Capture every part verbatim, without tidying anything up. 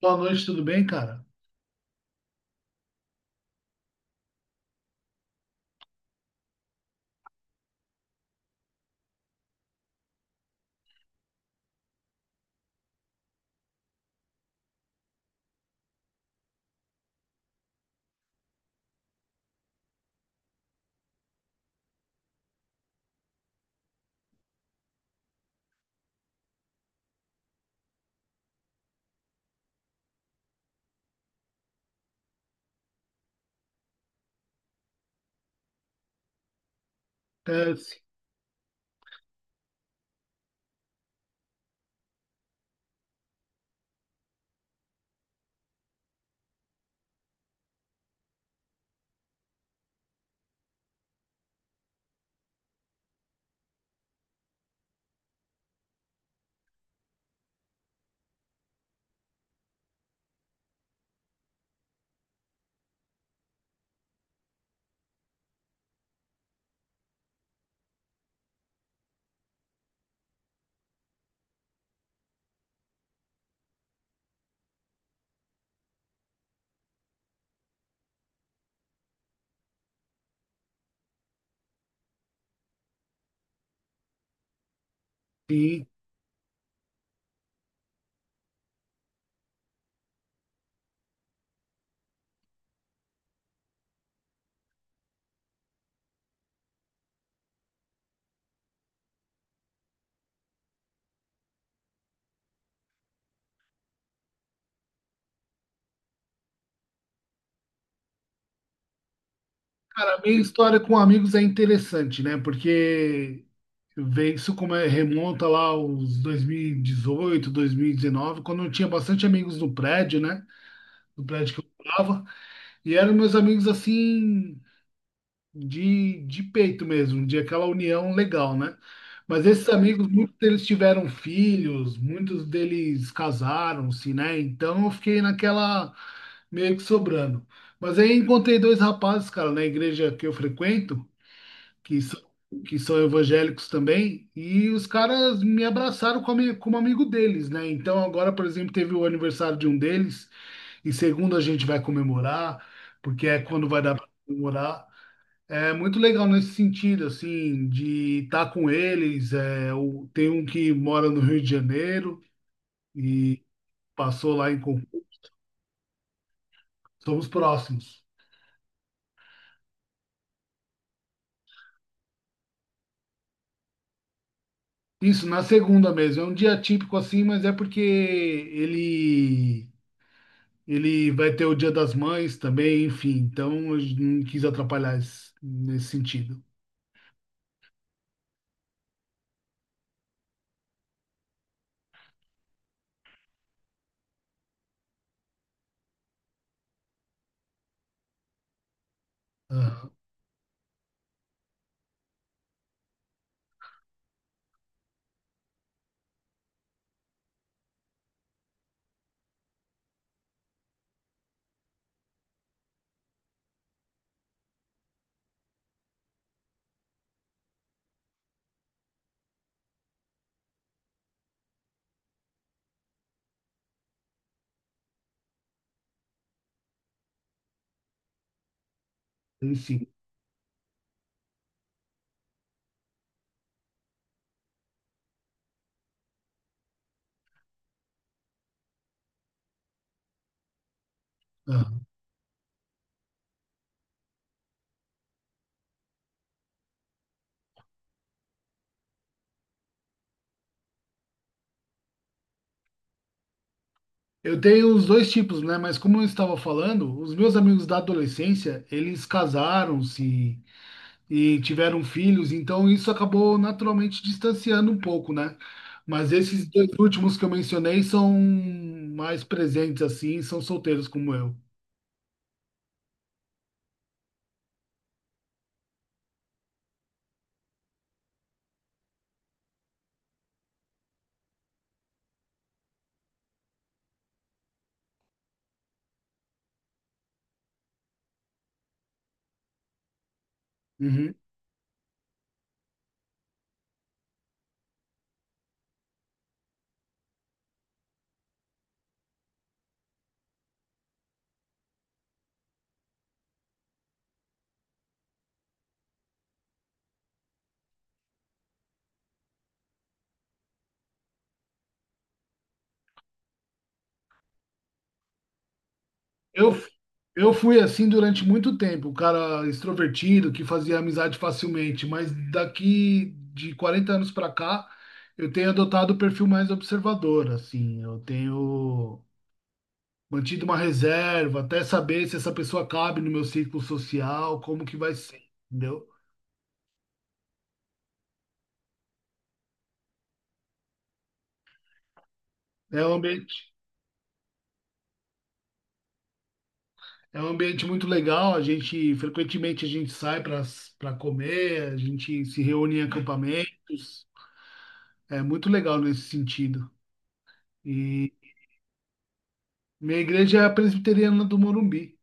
Boa noite, tudo bem, cara? É, sim. Cara, a minha história com amigos é interessante, né? Porque vem isso como é, remonta lá aos dois mil e dois mil e dezenove, quando eu tinha bastante amigos no prédio, né? No prédio que eu morava. E eram meus amigos assim, de, de peito mesmo, de aquela união legal, né? Mas esses amigos, muitos deles tiveram filhos, muitos deles casaram-se, né? Então eu fiquei naquela, meio que sobrando. Mas aí encontrei dois rapazes, cara, na igreja que eu frequento, que são, que são evangélicos também, e os caras me abraçaram como, ami- como amigo deles, né? Então agora, por exemplo, teve o aniversário de um deles, e segundo a gente vai comemorar, porque é quando vai dar para comemorar. É muito legal nesse sentido, assim, de estar com eles. É, o- tem um que mora no Rio de Janeiro e passou lá em Concórdia. Somos próximos. Isso, na segunda mesmo. É um dia típico assim, mas é porque ele ele vai ter o Dia das Mães também, enfim. Então, eu não quis atrapalhar esse- nesse sentido. Aham, tem sim. Aham. Eu tenho os dois tipos, né? Mas como eu estava falando, os meus amigos da adolescência, eles casaram-se e tiveram filhos, então isso acabou naturalmente distanciando um pouco, né? Mas esses dois últimos que eu mencionei são mais presentes assim, são solteiros como eu. Uhum. Eu, eu fui assim durante muito tempo, o cara extrovertido que fazia amizade facilmente, mas daqui de quarenta anos para cá, eu tenho adotado o perfil mais observador, assim, eu tenho mantido uma reserva até saber se essa pessoa cabe no meu círculo social, como que vai ser, entendeu? É um ambiente, é um ambiente muito legal, a gente frequentemente a gente sai para para comer, a gente se reúne em acampamentos. É muito legal nesse sentido. E minha igreja é a presbiteriana do Morumbi,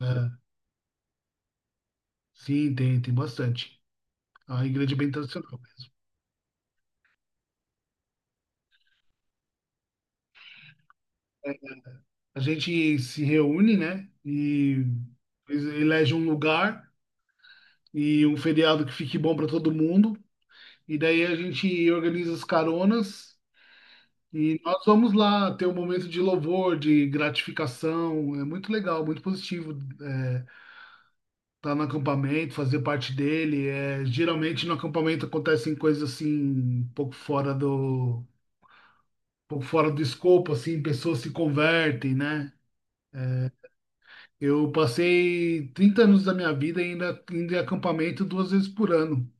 né? Sim, tem, tem bastante. É uma igreja bem tradicional mesmo. A gente se reúne, né? E elege um lugar e um feriado que fique bom para todo mundo. E daí a gente organiza as caronas e nós vamos lá ter um momento de louvor, de gratificação. É muito legal, muito positivo. É, tá no acampamento, fazer parte dele. É, geralmente no acampamento acontecem coisas assim, um pouco fora do, um pouco fora do escopo, assim, pessoas se convertem, né? Eu passei trinta anos da minha vida ainda indo em acampamento duas vezes por ano.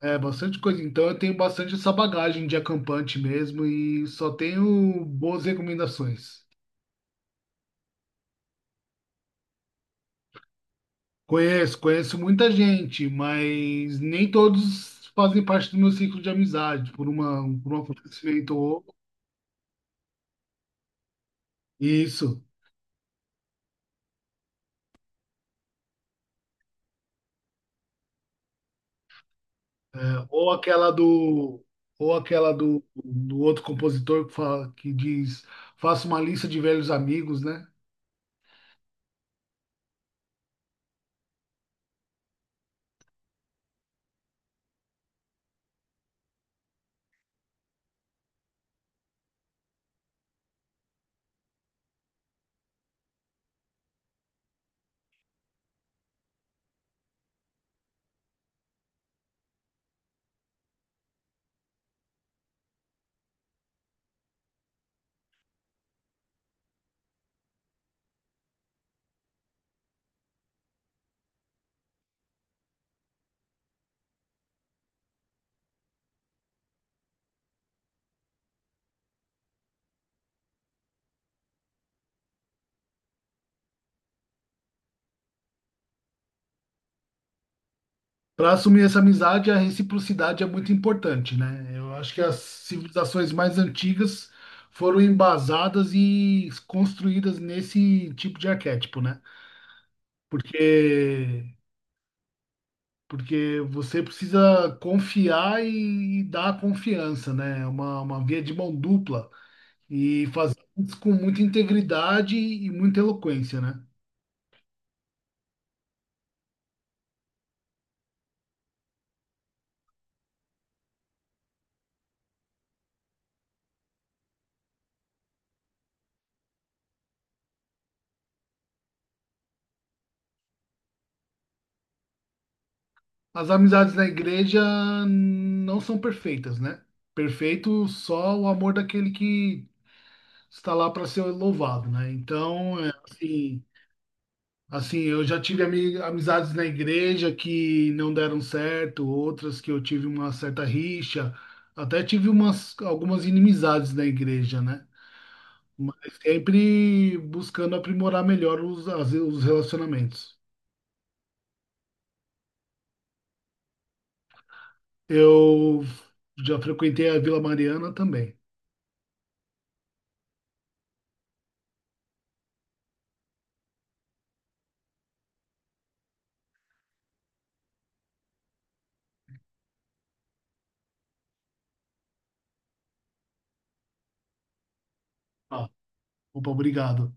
É bastante coisa. Então eu tenho bastante essa bagagem de acampante mesmo e só tenho boas recomendações. Conheço, conheço muita gente, mas nem todos fazem parte do meu ciclo de amizade por uma, por um acontecimento ou isso. É, ou aquela do, ou aquela do, do outro compositor que fala, que diz, faça uma lista de velhos amigos, né? Para assumir essa amizade, a reciprocidade é muito importante, né? Eu acho que as civilizações mais antigas foram embasadas e construídas nesse tipo de arquétipo, né? Porque porque você precisa confiar e dar a confiança, né? É Uma, uma via de mão dupla. E fazer isso com muita integridade e muita eloquência, né? As amizades na igreja não são perfeitas, né? Perfeito só o amor daquele que está lá para ser louvado, né? Então, é assim, assim, eu já tive ami- amizades na igreja que não deram certo, outras que eu tive uma certa rixa, até tive umas algumas inimizades na igreja, né? Mas sempre buscando aprimorar melhor os, as- os relacionamentos. Eu já frequentei a Vila Mariana também. Ah, opa, obrigado.